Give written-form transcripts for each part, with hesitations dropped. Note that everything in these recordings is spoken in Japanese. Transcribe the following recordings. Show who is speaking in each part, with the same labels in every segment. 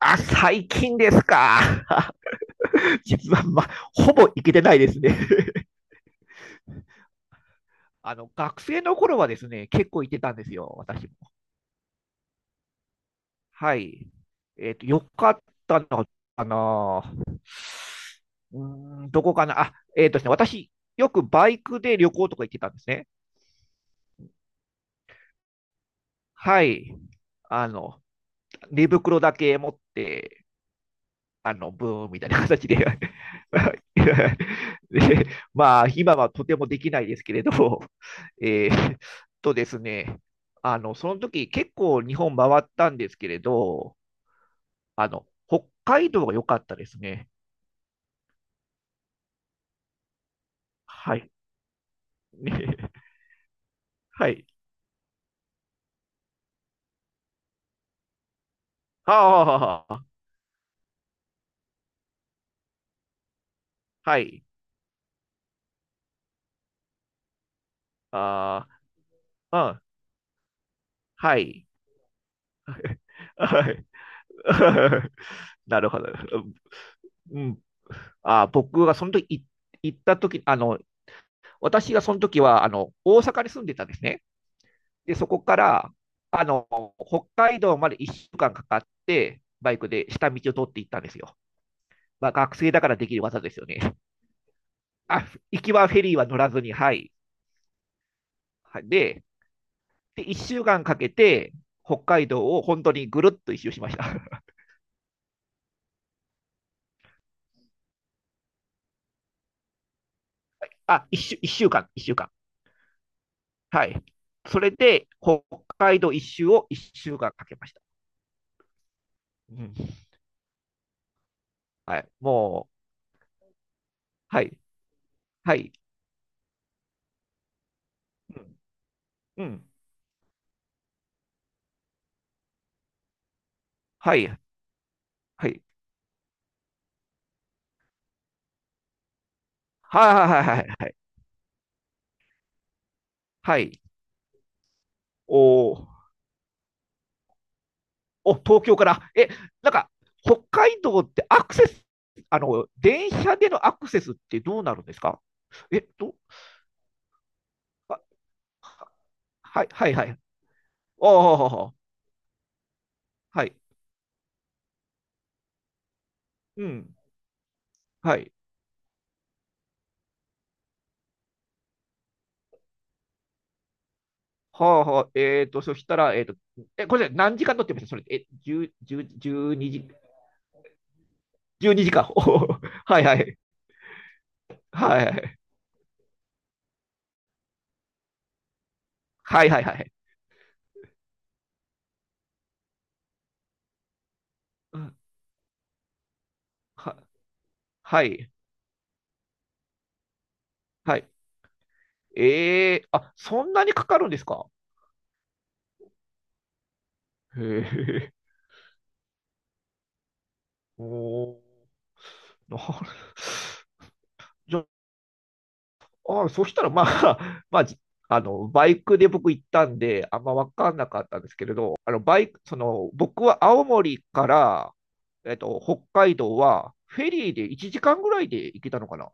Speaker 1: あ、最近ですか。実は、ほぼ行けてないですね。 あの、学生の頃はですね、結構行ってたんですよ、私も。はい。よかったのかな。うどこかな。あ、えっとですね、私、よくバイクで旅行とか行ってたんですね。はい。あの、寝袋だけ持って、ブーンみたいな形で。 で、まあ、今はとてもできないですけれど、えーっですね、その時結構日本回ったんですけれど、北海道が良かったですね。はい。ね、はい。ああ、はい。ああ、うん、はい。はい。なるほど。うん。あー、僕がその時い行った時、私がその時はあの大阪に住んでたんですね。で、そこからあの北海道まで1週間かんかかって、バイクで下道を通っていったんですよ。まあ、学生だからできる技ですよね。あ、行きはフェリーは乗らずに、はい。で、で1週間かんかけて、北海道を本当にぐるっと一周しました。あ、一週間。はい。それで、北海道一周を一週間かけました。うん。はい。もう、はい。はい。うん。うん、はい。はい。はいはいはいはいはい。はい。おー。お、東京から。え、なんか、北海道ってアクセス、あの、電車でのアクセスってどうなるんですか？え、と、あ、はいはいはい。あ、お、はい。うん。はい。はあはあ、そしたら、え、これ何時間乗ってましたそれ？え、10、10、時、12時間。おー、はいはい。はいはいはいはいはい。うん、は、はい。はい。えー、あ、そんなにかかるんですか？へえ。おー。なるじゃあ、あ、そしたらまあ、あの、バイクで僕行ったんで、あんま分かんなかったんですけれど、あの、バイク、その、僕は青森から、北海道は、フェリーで1時間ぐらいで行けたのかな。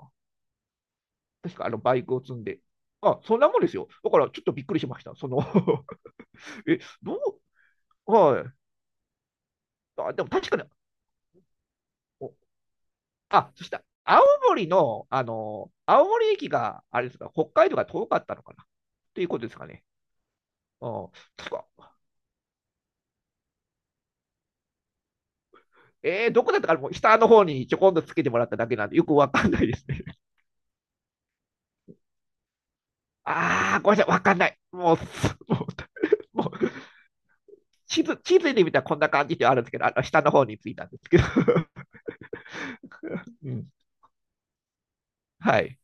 Speaker 1: 確か、バイクを積んで。あ、そんなもんですよ。だから、ちょっとびっくりしました。え、どう、はい。あ、でも確かに、あ、そしたら、青森駅が、あれですか、北海道が遠かったのかなということですかね。うん。確か。えー、どこだったかな。もう下の方にちょこんとつけてもらっただけなんで、よくわかんないですね。あー、ごめんなさい、わかんない。もう、すもう、もう地図で見たらこんな感じではあるんですけど、下の方についたんですけど。うん。はい。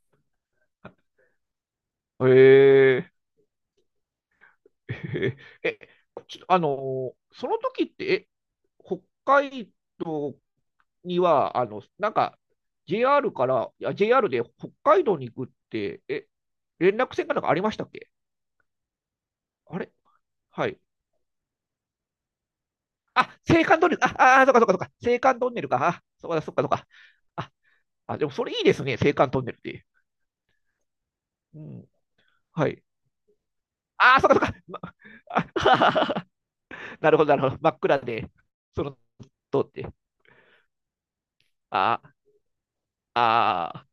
Speaker 1: えー、えーえ、ちょっとあのーその時って、え、北海道には、JR から、いや JR で北海道に行くって、え、連絡線かなんかありましたっけ？あれ、はい。あ、青函トンネル、あ、そっかそっかそっか、青函トンネルか、あ、そっかそっかそっか。あ、でもそれいいですね、青函トンネルって。うん、はい。あ、そっかそっか。あ なるほど、なるほど。真っ暗で、通って。ああ、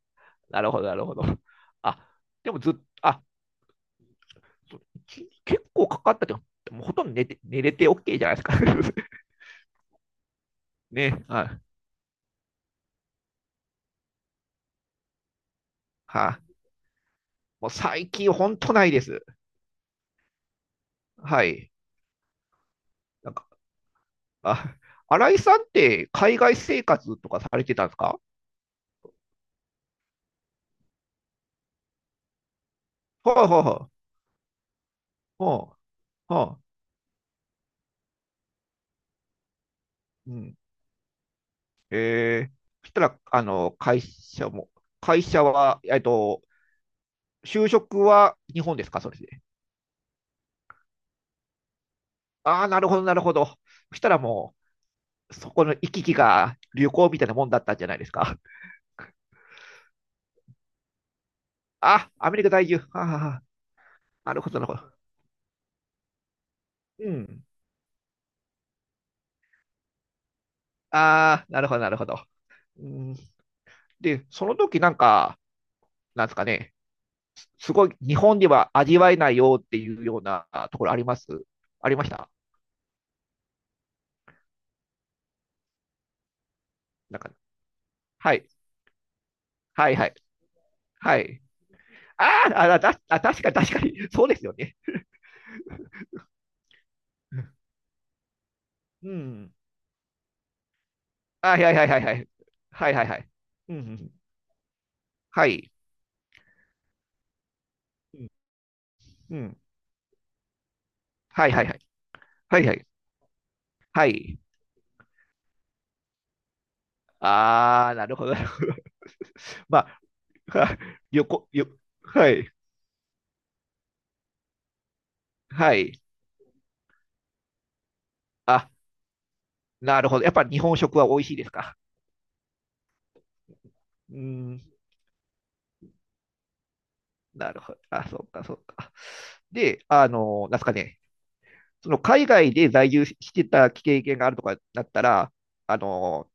Speaker 1: なるほど、なるほど。あ、でもずっと、あ、結構かかったけど、もうほとんど寝れて OK じゃないですか。ね、はい。はあ、もう最近ほんとないです。はい。なんか、あ、新井さんって海外生活とかされてたんですか？はいはい。はいはい。うん。えー、そしたら、会社は、就職は日本ですかそれで？ああ、なるほど、なるほど。そしたらもう、そこの行き来が旅行みたいなもんだったんじゃないですか？あ、アメリカ在住。はあはあ、は、なるほど、なるほど。うん。ああ、なるほど、なるほど。うん、で、その時なんか、なんですかね、すごい日本では味わえないよっていうようなところあります、ありました？なんか、はい、はい、はい、はい。あーあ、確かに、確かに、そうですよね。うん。あ、はい、はい、はい、はい、はい、はい、はい、はい、うんうんうん。はい、うん。うん。はい、はい、はい、はい、はい、はい。ああ、なるほど、なるほど。まあ、は、よこ、よ、はい、はい。あ、なるほど。やっぱ日本食は美味しいですか？うーん、なるほど。あ、そうか、そうか。で、あの、なんすかね、その海外で在住してた経験があるとかだったら、あの、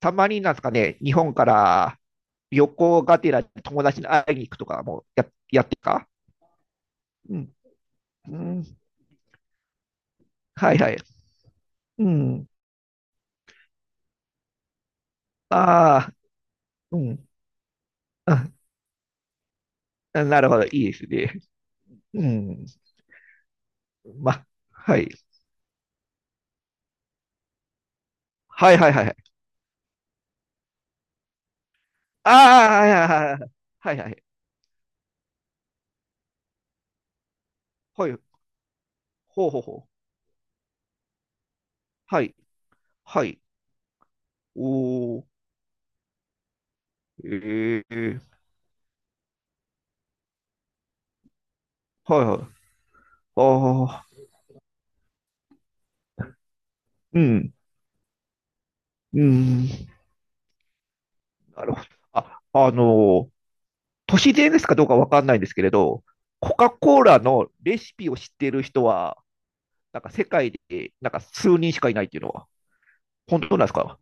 Speaker 1: たまになんすかね、日本から旅行がてら友達に会いに行くとかもや、やってたか？うん、うん、はいはい。うん、ああ、うん、あ、なるほど、いいですね。うん。ま、はい。はいはいはいはい。ああ、はいはいはいはい。はいはい。はい。ほうほうほう。はい。はい。おー。ええ、はいはい。ああ、うん。うん。なるほど。あ、あのー都市伝ですかどうかわかんないんですけれど、コカ・コーラのレシピを知っている人は、なんか世界で、なんか数人しかいないっていうのは、本当なんですか？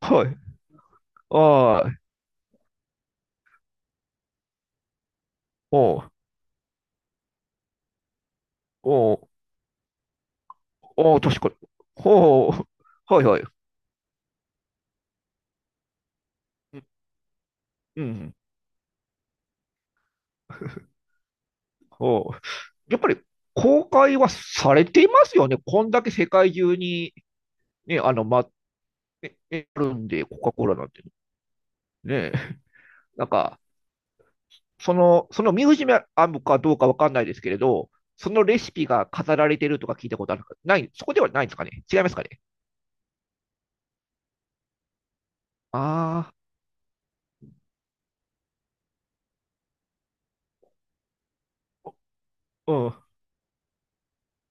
Speaker 1: はい。ああ。おう、おう、おう、確かに。おう、はいはい。うん。うんうん。やっぱり公開はされていますよね。こんだけ世界中に、ね、あの、ま、ね、ねあるんで、コカ・コーラなんてね。なんか、そのミュージアムかどうかわかんないですけれど、そのレシピが飾られてるとか聞いたことあるかない、そこではないんですかね、違いますかね？ああ、うん。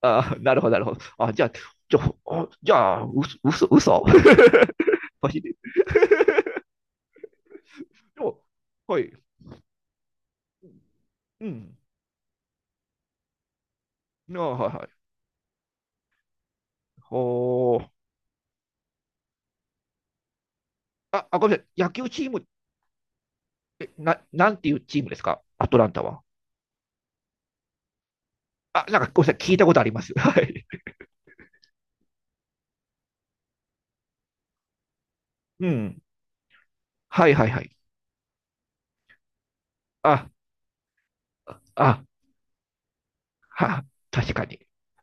Speaker 1: ああ、なるほど、なるほど。じゃあ、う、嘘。 マジで。でも、はい。うん。ああ、はい、はい。ほー。あ、あ、ごめんなさい。野球チームっえ、な、なんていうチームですかアトランタは？あ、なんかごめんなさい、聞いたことあります。はい。うん。はいはいはい。あ、あ、は、確かに。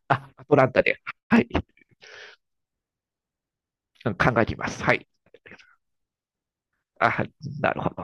Speaker 1: あ、アトランタで。はい。考えてみます。はい。あ、なるほど。